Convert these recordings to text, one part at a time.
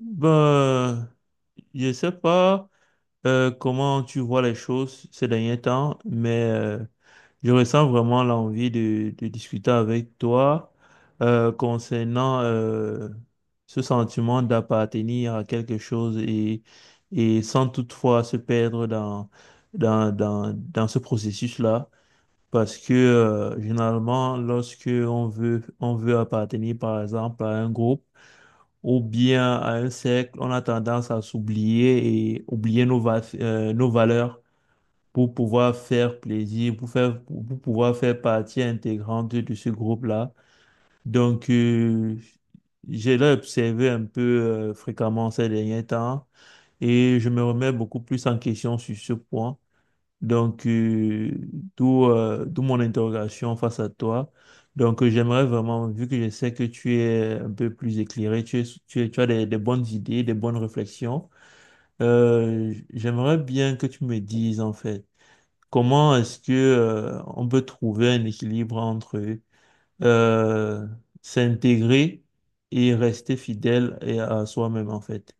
Ben, je sais pas comment tu vois les choses ces derniers temps, mais je ressens vraiment l'envie de discuter avec toi concernant ce sentiment d'appartenir à quelque chose et sans toutefois se perdre dans ce processus-là. Parce que généralement, lorsque on veut appartenir, par exemple, à un groupe, ou bien à un cercle, on a tendance à s'oublier et oublier nos valeurs pour pouvoir faire plaisir, pour pouvoir faire partie intégrante de ce groupe-là. Donc, euh, j'ai l'ai observé un peu fréquemment ces derniers temps et je me remets beaucoup plus en question sur ce point. Donc, euh, d'où d'où mon interrogation face à toi. Donc, j'aimerais vraiment, vu que je sais que tu es un peu plus éclairé, tu as des bonnes idées, des bonnes réflexions, j'aimerais bien que tu me dises, en fait, comment est-ce que, on peut trouver un équilibre entre euh, s'intégrer et rester fidèle et à soi-même, en fait.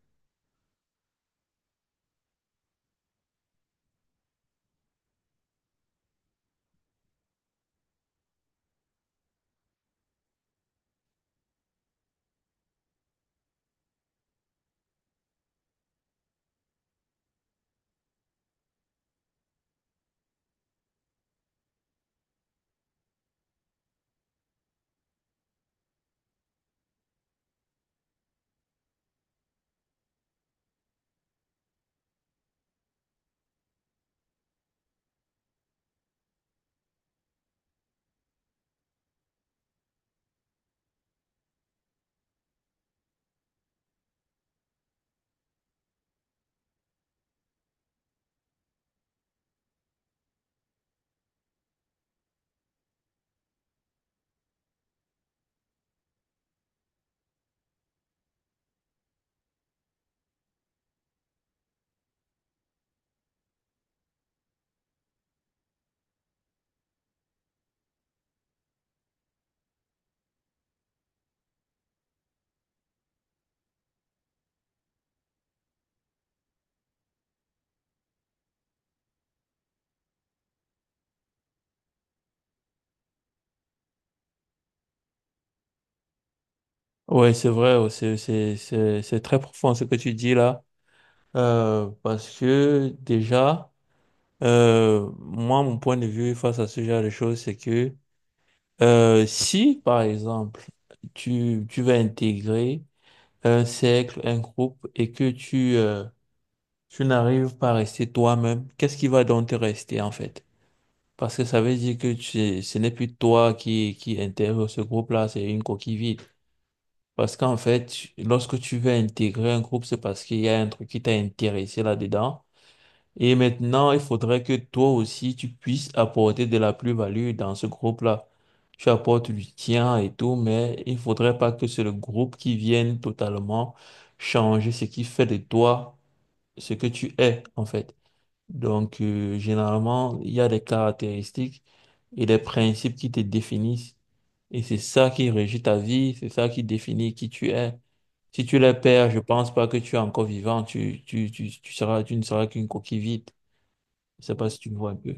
Ouais, c'est vrai, c'est très profond ce que tu dis là. Parce que déjà, moi, mon point de vue face à ce genre de choses, c'est que si, par exemple, tu vas intégrer un cercle, un groupe, et que tu, tu n'arrives pas à rester toi-même, qu'est-ce qui va donc te rester en fait? Parce que ça veut dire que tu, ce n'est plus toi qui intègre ce groupe-là, c'est une coquille vide. Parce qu'en fait, lorsque tu veux intégrer un groupe, c'est parce qu'il y a un truc qui t'a intéressé là-dedans. Et maintenant, il faudrait que toi aussi, tu puisses apporter de la plus-value dans ce groupe-là. Tu apportes du tien et tout, mais il faudrait pas que c'est le groupe qui vienne totalement changer ce qui fait de toi ce que tu es, en fait. Donc, généralement, il y a des caractéristiques et des principes qui te définissent. Et c'est ça qui régit ta vie, c'est ça qui définit qui tu es. Si tu les perds, je pense pas que tu es encore vivant, tu ne seras qu'une coquille vide. Je sais pas si tu me vois un peu.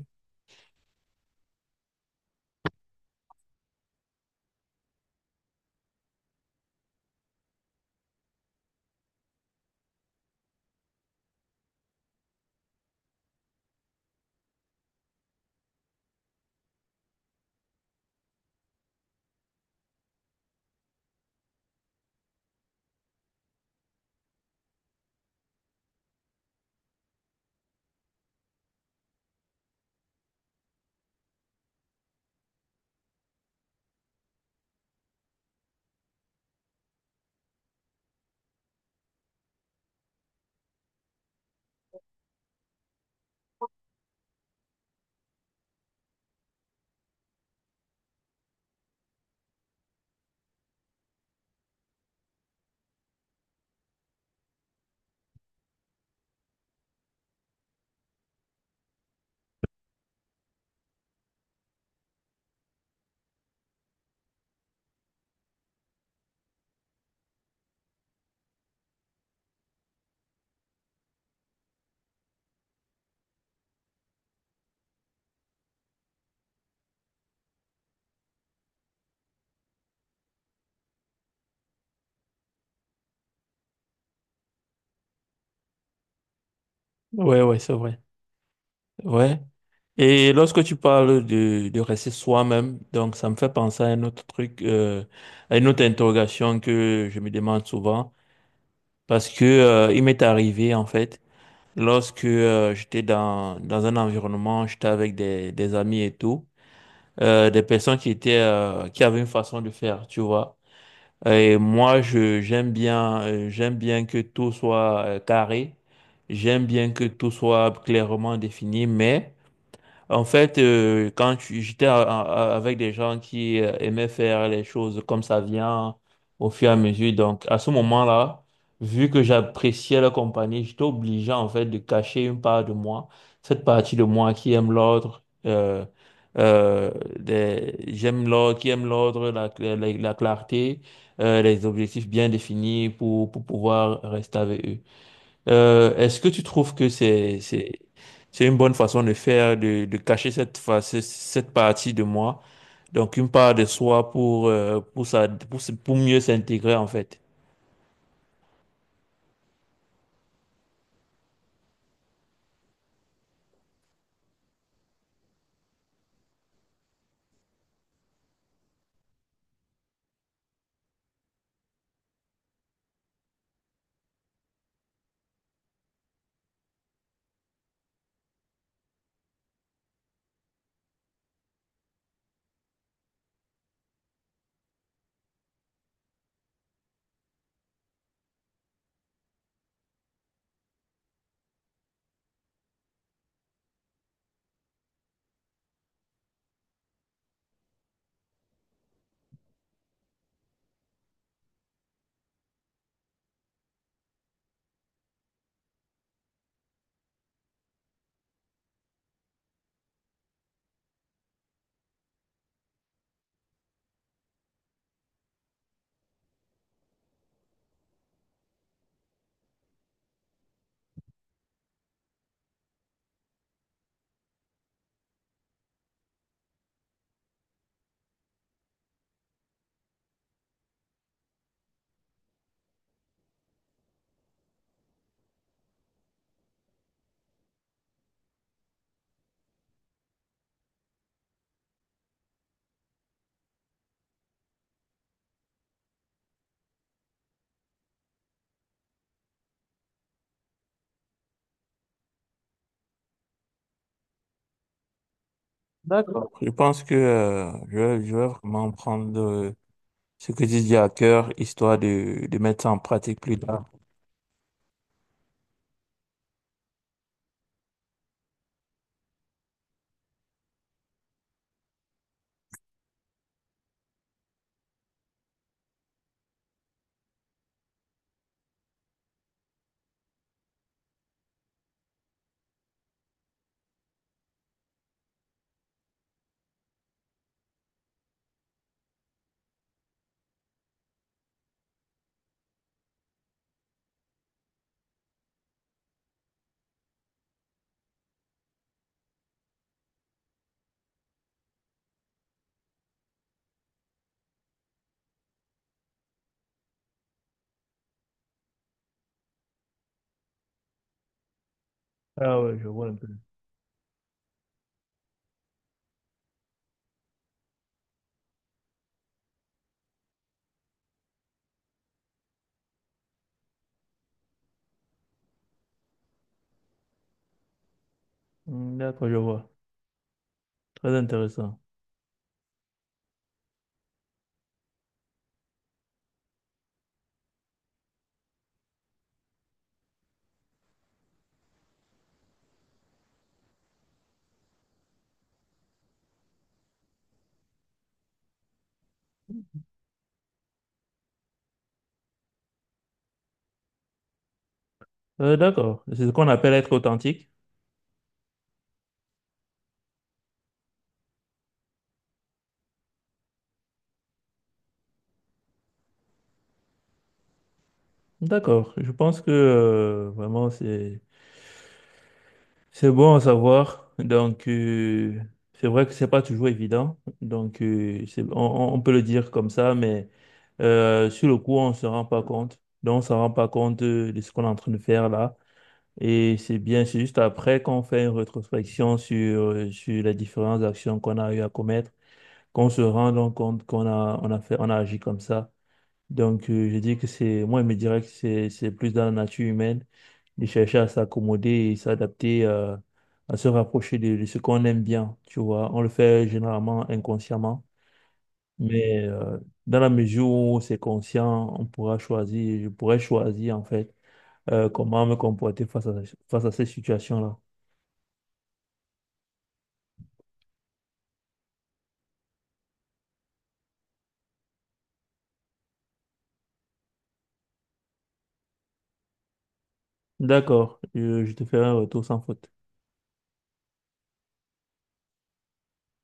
Ouais, ouais, c'est vrai. Ouais. Et lorsque tu parles de rester soi-même, donc ça me fait penser à un autre truc, à une autre interrogation que je me demande souvent, parce que il m'est arrivé en fait, lorsque dans un environnement, j'étais avec des amis et tout, des personnes qui étaient qui avaient une façon de faire, tu vois. Et moi, j'aime bien que tout soit carré. J'aime bien que tout soit clairement défini, mais en fait, j'étais avec des gens qui aimaient faire les choses comme ça vient au fur et à mesure, donc à ce moment-là, vu que j'appréciais leur compagnie, j'étais obligé en fait de cacher une part de moi, cette partie de moi qui aime l'ordre, euh, j'aime l'ordre, qui aime l'ordre, la clarté, les objectifs bien définis pour pouvoir rester avec eux. Est-ce que tu trouves que c'est une bonne façon de faire, de cacher cette face, cette partie de moi, donc une part de soi pour, pour, pour mieux s'intégrer en fait? D'accord. Je pense que je vais vraiment prendre ce que tu dis à cœur, histoire de mettre ça en pratique plus tard. Ah ouais, je vois un peu. Hmm, d'accord, je vois. Très intéressant. D'accord, c'est ce qu'on appelle être authentique. D'accord, je pense que vraiment c'est bon à savoir. Donc, c'est vrai que c'est pas toujours évident. Donc, on peut le dire comme ça, mais sur le coup, on se rend pas compte. Donc, on se rend pas compte de ce qu'on est en train de faire là. Et c'est bien, c'est juste après qu'on fait une rétrospection sur, sur les différentes actions qu'on a eu à commettre, qu'on se rend donc compte on a agi comme ça. Donc, je dis que c'est, moi, je me dirais que c'est plus dans la nature humaine de chercher à s'accommoder et s'adapter, à se rapprocher de ce qu'on aime bien, tu vois. On le fait généralement inconsciemment, mais dans la mesure où c'est conscient, on pourra choisir, je pourrais choisir, en fait, comment me comporter face à ces situations-là. D'accord, je te ferai un retour sans faute.